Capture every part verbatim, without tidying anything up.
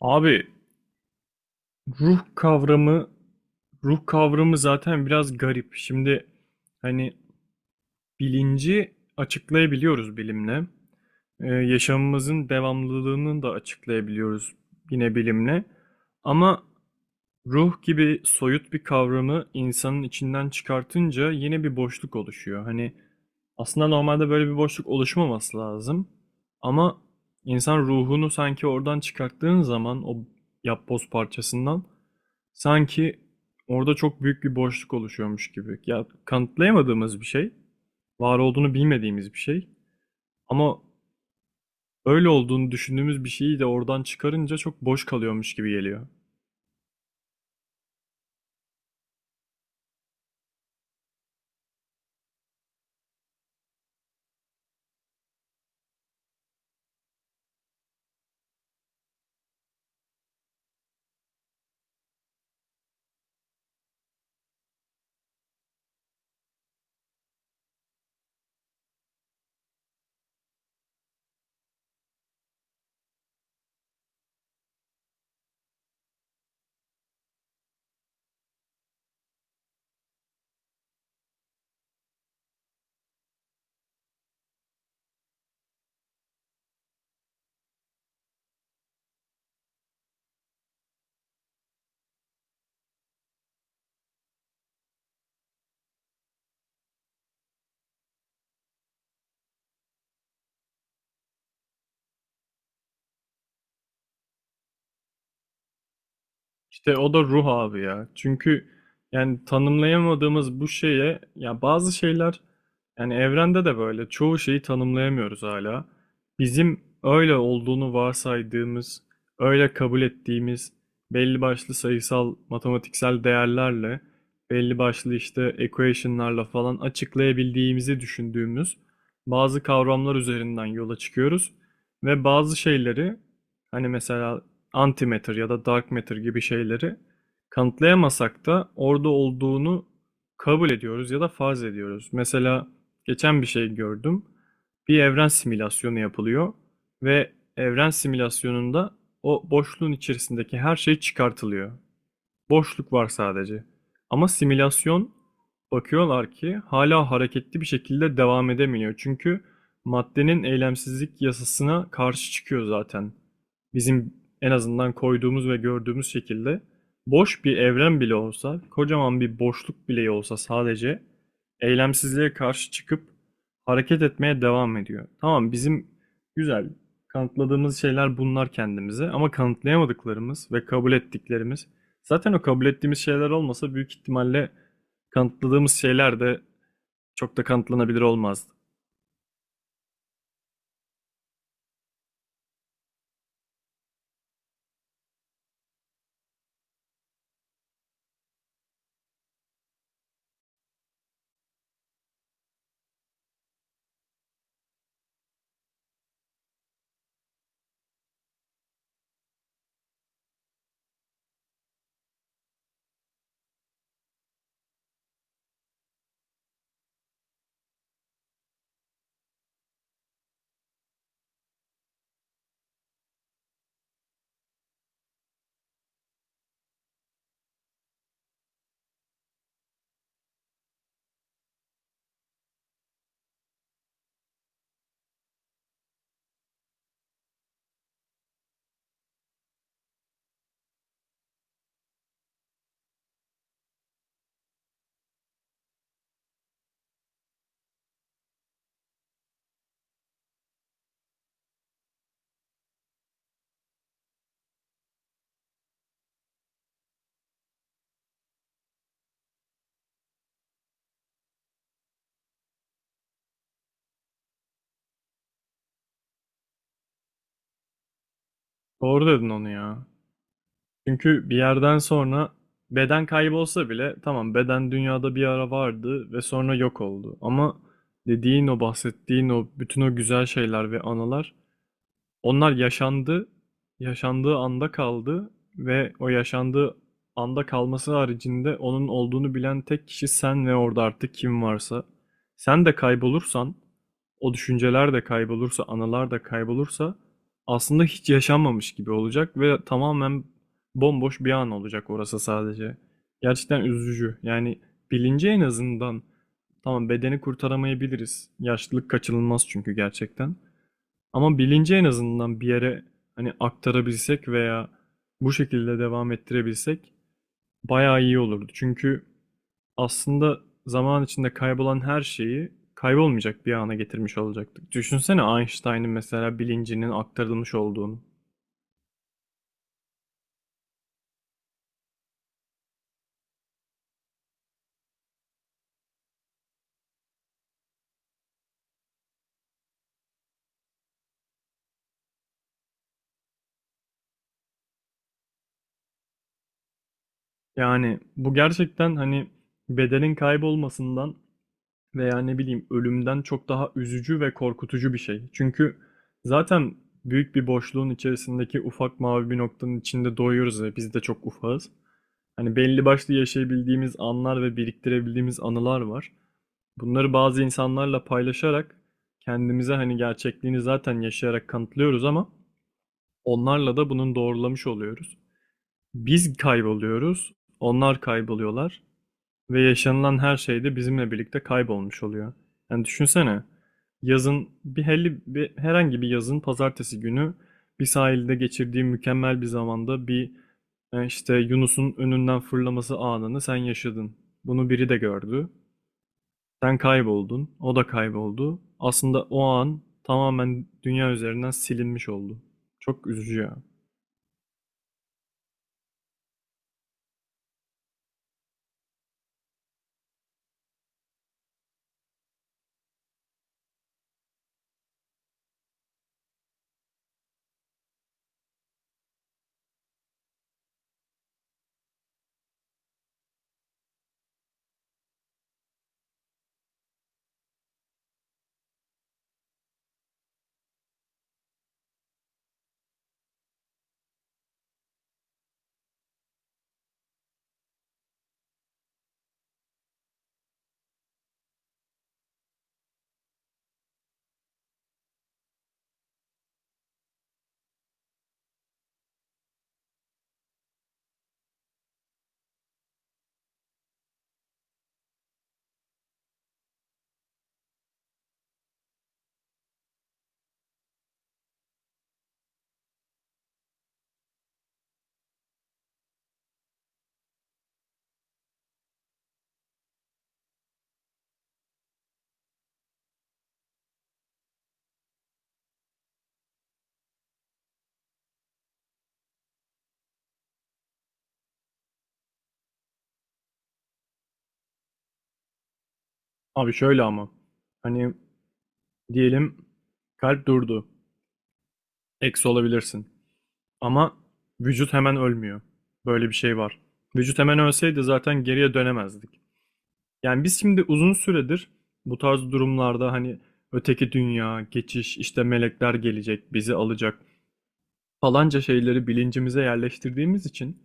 Abi ruh kavramı ruh kavramı zaten biraz garip. Şimdi hani bilinci açıklayabiliyoruz bilimle. Ee, yaşamımızın devamlılığını da açıklayabiliyoruz yine bilimle. Ama ruh gibi soyut bir kavramı insanın içinden çıkartınca yeni bir boşluk oluşuyor. Hani aslında normalde böyle bir boşluk oluşmaması lazım. Ama insan ruhunu sanki oradan çıkarttığın zaman o yapboz parçasından sanki orada çok büyük bir boşluk oluşuyormuş gibi. Ya kanıtlayamadığımız bir şey, var olduğunu bilmediğimiz bir şey. Ama öyle olduğunu düşündüğümüz bir şeyi de oradan çıkarınca çok boş kalıyormuş gibi geliyor. İşte o da ruh abi ya. Çünkü yani tanımlayamadığımız bu şeye ya bazı şeyler, yani evrende de böyle çoğu şeyi tanımlayamıyoruz hala. Bizim öyle olduğunu varsaydığımız, öyle kabul ettiğimiz belli başlı sayısal, matematiksel değerlerle, belli başlı işte equation'larla falan açıklayabildiğimizi düşündüğümüz bazı kavramlar üzerinden yola çıkıyoruz ve bazı şeyleri hani mesela antimatter ya da dark matter gibi şeyleri kanıtlayamasak da orada olduğunu kabul ediyoruz ya da farz ediyoruz. Mesela geçen bir şey gördüm. Bir evren simülasyonu yapılıyor ve evren simülasyonunda o boşluğun içerisindeki her şey çıkartılıyor. Boşluk var sadece. Ama simülasyon, bakıyorlar ki hala hareketli bir şekilde devam edemiyor. Çünkü maddenin eylemsizlik yasasına karşı çıkıyor zaten. Bizim en azından koyduğumuz ve gördüğümüz şekilde boş bir evren bile olsa, kocaman bir boşluk bile olsa sadece eylemsizliğe karşı çıkıp hareket etmeye devam ediyor. Tamam, bizim güzel kanıtladığımız şeyler bunlar kendimize, ama kanıtlayamadıklarımız ve kabul ettiklerimiz, zaten o kabul ettiğimiz şeyler olmasa büyük ihtimalle kanıtladığımız şeyler de çok da kanıtlanabilir olmazdı. Doğru dedin onu ya. Çünkü bir yerden sonra beden kaybolsa bile, tamam, beden dünyada bir ara vardı ve sonra yok oldu. Ama dediğin o, bahsettiğin o bütün o güzel şeyler ve anılar, onlar yaşandı, yaşandığı anda kaldı ve o yaşandığı anda kalması haricinde onun olduğunu bilen tek kişi sen ve orada artık kim varsa. Sen de kaybolursan, o düşünceler de kaybolursa, anılar da kaybolursa, aslında hiç yaşanmamış gibi olacak ve tamamen bomboş bir an olacak orası sadece. Gerçekten üzücü. Yani bilinci en azından, tamam, bedeni kurtaramayabiliriz. Yaşlılık kaçınılmaz çünkü gerçekten. Ama bilinci en azından bir yere hani aktarabilsek veya bu şekilde devam ettirebilsek bayağı iyi olurdu. Çünkü aslında zaman içinde kaybolan her şeyi kaybolmayacak bir ana getirmiş olacaktık. Düşünsene Einstein'ın mesela bilincinin aktarılmış olduğunu. Yani bu gerçekten hani bedenin kaybolmasından veya ne bileyim, ölümden çok daha üzücü ve korkutucu bir şey. Çünkü zaten büyük bir boşluğun içerisindeki ufak mavi bir noktanın içinde doğuyoruz ve biz de çok ufağız. Hani belli başlı yaşayabildiğimiz anlar ve biriktirebildiğimiz anılar var. Bunları bazı insanlarla paylaşarak kendimize hani gerçekliğini zaten yaşayarak kanıtlıyoruz, ama onlarla da bunun doğrulamış oluyoruz. Biz kayboluyoruz, onlar kayboluyorlar. Ve yaşanılan her şey de bizimle birlikte kaybolmuş oluyor. Yani düşünsene, yazın bir helli bir herhangi bir yazın pazartesi günü bir sahilde geçirdiği mükemmel bir zamanda bir e, işte Yunus'un önünden fırlaması anını sen yaşadın. Bunu biri de gördü. Sen kayboldun, o da kayboldu. Aslında o an tamamen dünya üzerinden silinmiş oldu. Çok üzücü ya. Abi şöyle ama hani diyelim kalp durdu. Eksi olabilirsin. Ama vücut hemen ölmüyor. Böyle bir şey var. Vücut hemen ölseydi zaten geriye dönemezdik. Yani biz şimdi uzun süredir bu tarz durumlarda hani öteki dünya, geçiş, işte melekler gelecek, bizi alacak falanca şeyleri bilincimize yerleştirdiğimiz için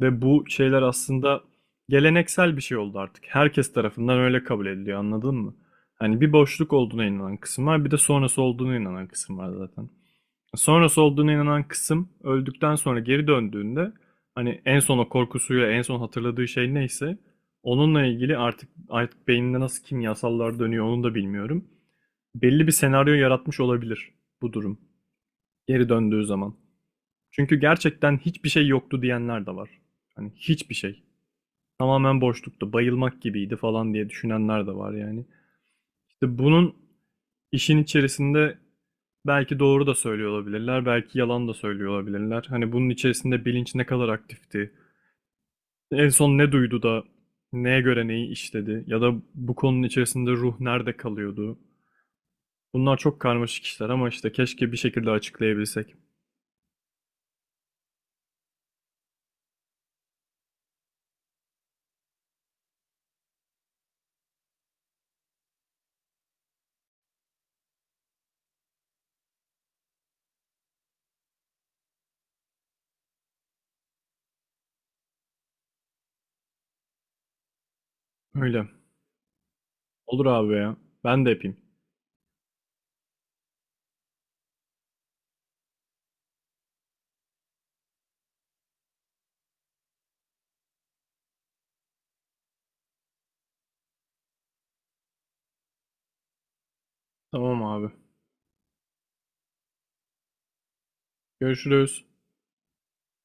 ve bu şeyler aslında geleneksel bir şey oldu artık. Herkes tarafından öyle kabul ediliyor, anladın mı? Hani bir boşluk olduğuna inanan kısım var, bir de sonrası olduğuna inanan kısım var zaten. Sonrası olduğuna inanan kısım öldükten sonra geri döndüğünde hani en son o korkusuyla en son hatırladığı şey neyse onunla ilgili artık artık beyninde nasıl kimyasallar dönüyor onu da bilmiyorum. Belli bir senaryo yaratmış olabilir bu durum geri döndüğü zaman. Çünkü gerçekten hiçbir şey yoktu diyenler de var. Hani hiçbir şey. Tamamen boşluktu, bayılmak gibiydi falan diye düşünenler de var yani. İşte bunun İşin içerisinde belki doğru da söylüyor olabilirler, belki yalan da söylüyor olabilirler. Hani bunun içerisinde bilinç ne kadar aktifti? En son ne duydu da neye göre neyi işledi? Ya da bu konunun içerisinde ruh nerede kalıyordu? Bunlar çok karmaşık işler ama işte keşke bir şekilde açıklayabilsek. Öyle. Olur abi ya. Ben de yapayım. Tamam abi. Görüşürüz.